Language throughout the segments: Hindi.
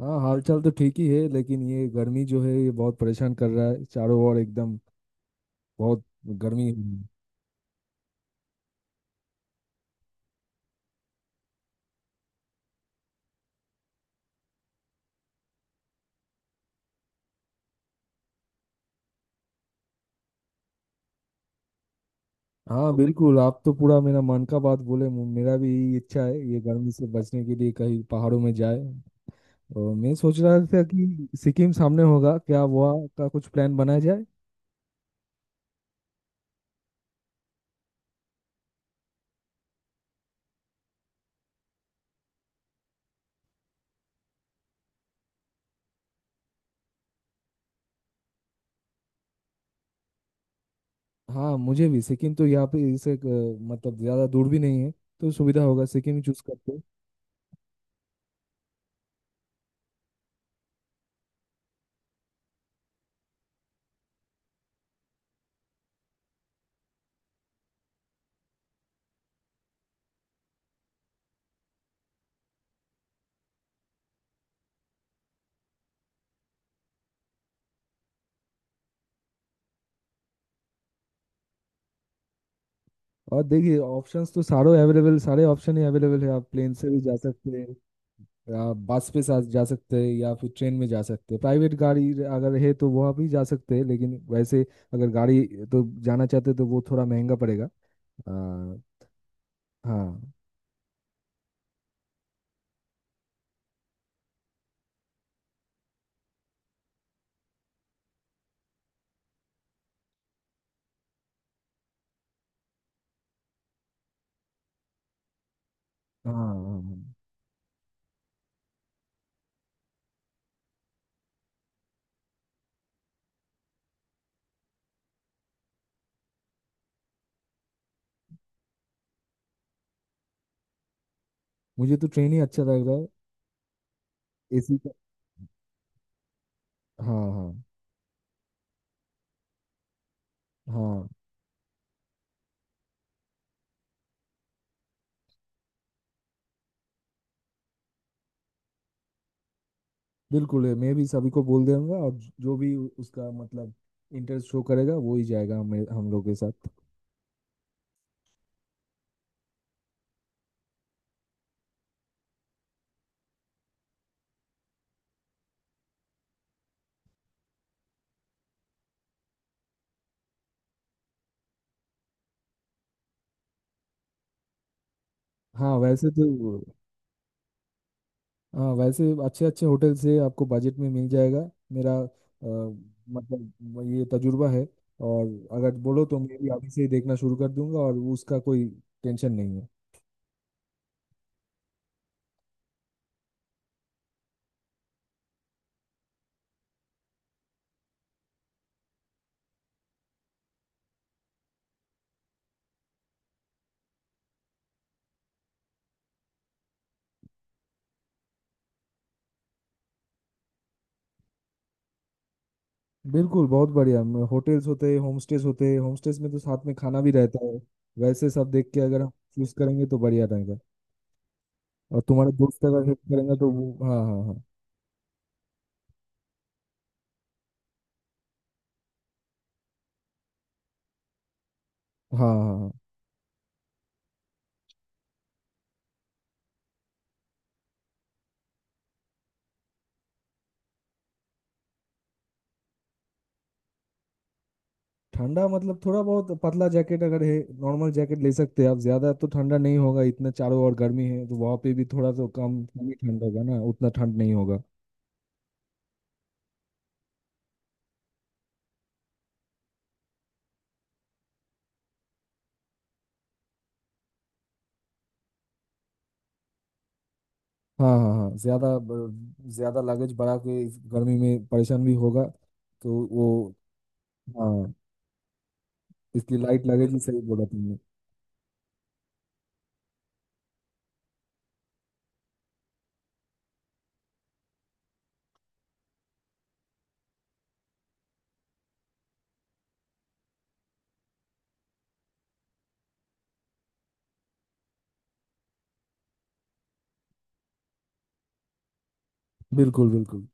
हाँ, हालचाल तो ठीक ही है। लेकिन ये गर्मी जो है ये बहुत परेशान कर रहा है चारों ओर एकदम बहुत गर्मी। हम्म। हाँ बिल्कुल, आप तो पूरा मेरा मन का बात बोले। मेरा भी यही इच्छा है ये गर्मी से बचने के लिए कहीं पहाड़ों में जाए। और मैं सोच रहा था कि सिक्किम सामने होगा क्या, वहाँ का कुछ प्लान बनाया जाए। हाँ, मुझे भी सिक्किम तो यहाँ पे इससे मतलब ज़्यादा दूर भी नहीं है, तो सुविधा होगा, सिक्किम ही चूज करते हैं। और देखिए ऑप्शंस तो सारे अवेलेबल, सारे ऑप्शन ही अवेलेबल है। आप प्लेन से भी जा सकते हैं, आप बस पे जा सकते हैं, या फिर ट्रेन में जा सकते हैं। प्राइवेट गाड़ी अगर है तो वहाँ भी जा सकते हैं, लेकिन वैसे अगर गाड़ी तो जाना चाहते हैं तो वो थोड़ा महंगा पड़ेगा। हाँ। हाँ हाँ हाँ। मुझे तो ट्रेन ही अच्छा लग रहा है। एसी का। हाँ हाँ। हाँ बिल्कुल है, मैं भी सभी को बोल दूंगा। और जो भी उसका मतलब इंटरेस्ट शो करेगा वो ही जाएगा हमें हम लोग के साथ। हाँ वैसे तो। हाँ वैसे अच्छे अच्छे होटल से आपको बजट में मिल जाएगा, मेरा मतलब ये तजुर्बा है। और अगर बोलो तो मैं भी अभी से ही देखना शुरू कर दूंगा, और उसका कोई टेंशन नहीं है। बिल्कुल बहुत बढ़िया, होटल्स होते हैं, होम स्टेज होते हैं। होम स्टेज में तो साथ में खाना भी रहता है। वैसे सब देख के अगर हम चूज करेंगे तो बढ़िया रहेगा। और तुम्हारे दोस्त अगर हेल्प करेंगे तो वो हाँ हाँ हाँ। हाँ हाँ हाँ। ठंडा मतलब थोड़ा बहुत पतला जैकेट अगर है, नॉर्मल जैकेट ले सकते हैं आप। ज्यादा तो ठंडा नहीं होगा इतना, चारों ओर गर्मी है तो वहाँ पे भी थोड़ा तो कम कम ही ठंड होगा ना, उतना ठंड नहीं होगा। हाँ हाँ हाँ। ज्यादा लगेज बढ़ा के इस गर्मी में परेशान भी होगा तो वो। हाँ, इसलिए लाइट लगेज ही सही बोला तुमने। बिल्कुल बिल्कुल।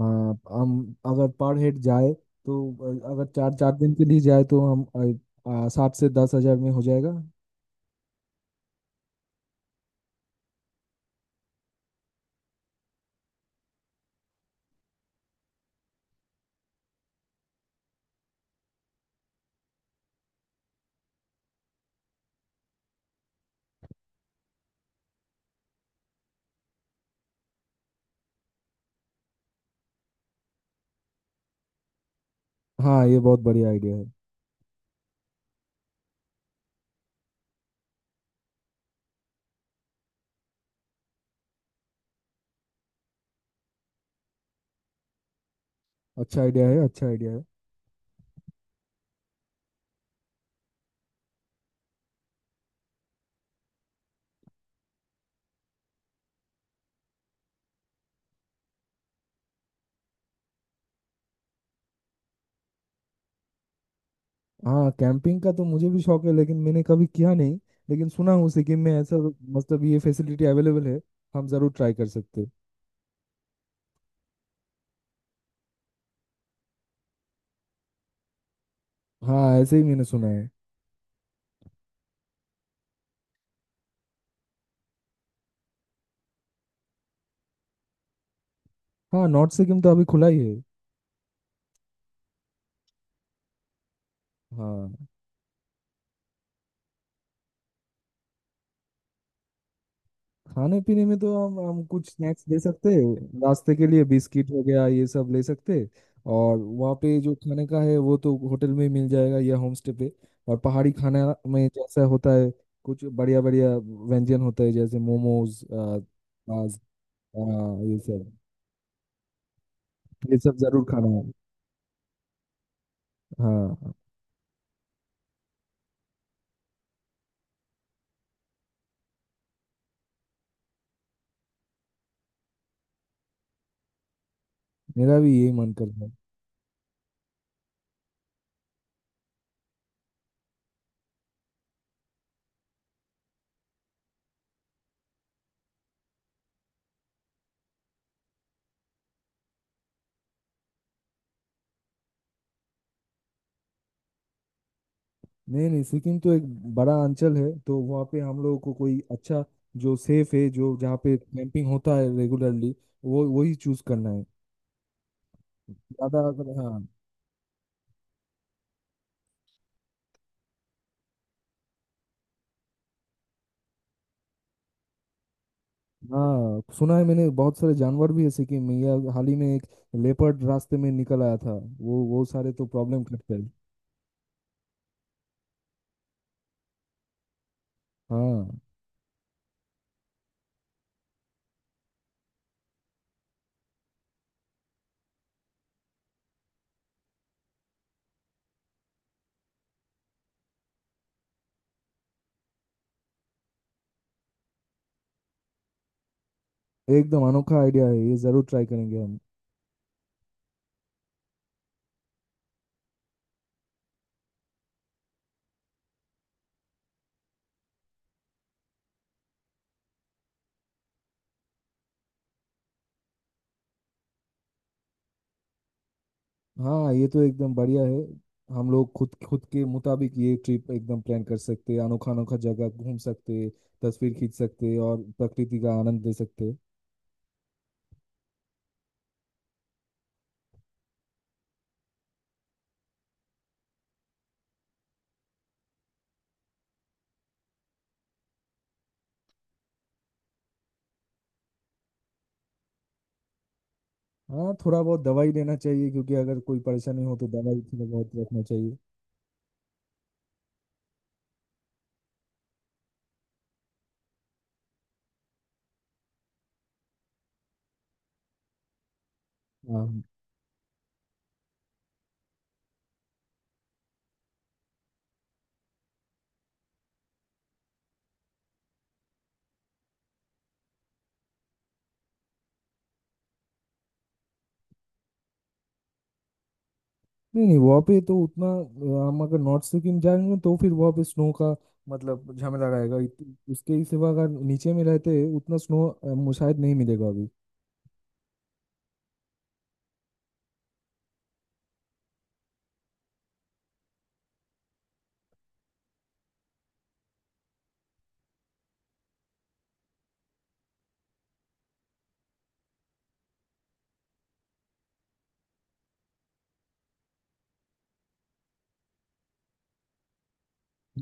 हाँ, हम अगर पर हेड जाए तो अगर 4 दिन के लिए जाए तो हम 7 से 10 हज़ार में हो जाएगा। हाँ ये बहुत बढ़िया आइडिया है। अच्छा आइडिया है, अच्छा आइडिया है। हाँ कैंपिंग का तो मुझे भी शौक है, लेकिन मैंने कभी किया नहीं। लेकिन सुना हूँ सिक्किम में ऐसा मतलब ये फैसिलिटी अवेलेबल है, हम जरूर ट्राई कर सकते हैं। हाँ ऐसे ही मैंने सुना है। हाँ नॉर्थ सिक्किम तो अभी खुला ही है। हाँ। खाने पीने में तो हम कुछ स्नैक्स ले सकते हैं, रास्ते के लिए बिस्किट हो गया ये सब ले सकते हैं। और वहाँ पे जो खाने का है वो तो होटल में मिल जाएगा या होम स्टे पे। और पहाड़ी खाना में जैसा होता है, कुछ बढ़िया बढ़िया व्यंजन होता है जैसे मोमोज। आ, आ, आ, ये सब, ये सब जरूर खाना है। हाँ हाँ, मेरा भी यही मन कर रहा है। नहीं नहीं, सिक्किम तो एक बड़ा अंचल है, तो वहाँ पे हम लोगों को कोई अच्छा जो सेफ है, जो जहाँ पे कैंपिंग होता है रेगुलरली, वो वही चूज करना है। ज्यादा अगर हाँ। हाँ सुना है मैंने बहुत सारे जानवर भी है सिक्किम में, या हाल ही में एक लेपर्ड रास्ते में निकल आया था। वो सारे तो प्रॉब्लम करते हैं। हाँ एकदम अनोखा आइडिया है, ये जरूर ट्राई करेंगे हम। हाँ ये तो एकदम बढ़िया है। हम लोग खुद खुद के मुताबिक ये ट्रिप एकदम प्लान कर सकते हैं, अनोखा अनोखा जगह घूम सकते हैं, तस्वीर खींच सकते हैं और प्रकृति का आनंद ले सकते हैं। हाँ थोड़ा बहुत दवाई लेना चाहिए, क्योंकि अगर कोई परेशानी हो तो दवाई थोड़ा बहुत रखना चाहिए। हाँ। नहीं नहीं, वहाँ पे तो उतना हम अगर नॉर्थ सिक्किम जाएंगे तो फिर वहाँ पे स्नो का मतलब झमेला रहेगा। उसके ही सिवा अगर नीचे में रहते हैं, उतना स्नो शायद नहीं मिलेगा अभी।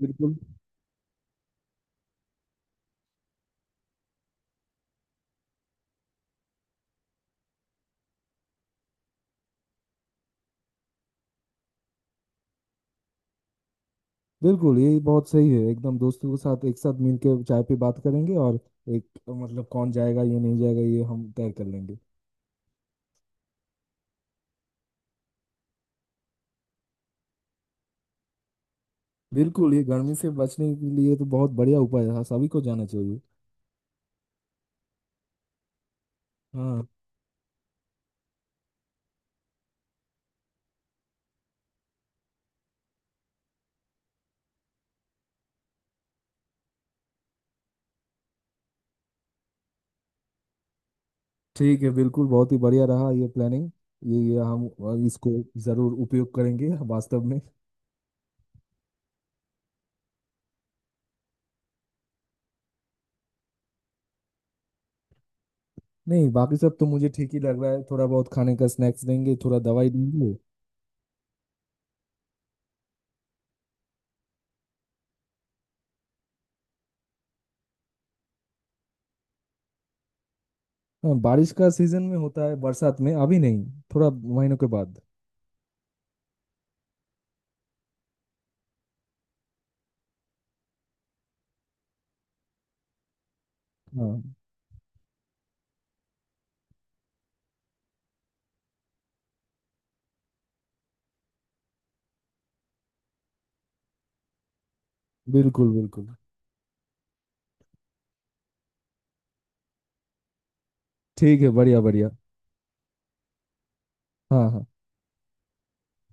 बिल्कुल बिल्कुल ये बहुत सही है, एकदम दोस्तों के साथ एक साथ मिलके चाय पे बात करेंगे। और एक मतलब कौन जाएगा, ये नहीं जाएगा, ये हम तय कर लेंगे। बिल्कुल, ये गर्मी से बचने के लिए तो बहुत बढ़िया उपाय है, सभी को जाना चाहिए। हाँ। ठीक है, बिल्कुल बहुत ही बढ़िया रहा ये प्लानिंग। ये हम इसको ज़रूर उपयोग करेंगे वास्तव में। नहीं बाकी सब तो मुझे ठीक ही लग रहा है, थोड़ा बहुत खाने का स्नैक्स देंगे, थोड़ा दवाई देंगे। हाँ बारिश का सीजन में होता है, बरसात में अभी नहीं, थोड़ा महीनों के बाद। हाँ बिल्कुल बिल्कुल। ठीक है, बढ़िया बढ़िया। हाँ हाँ।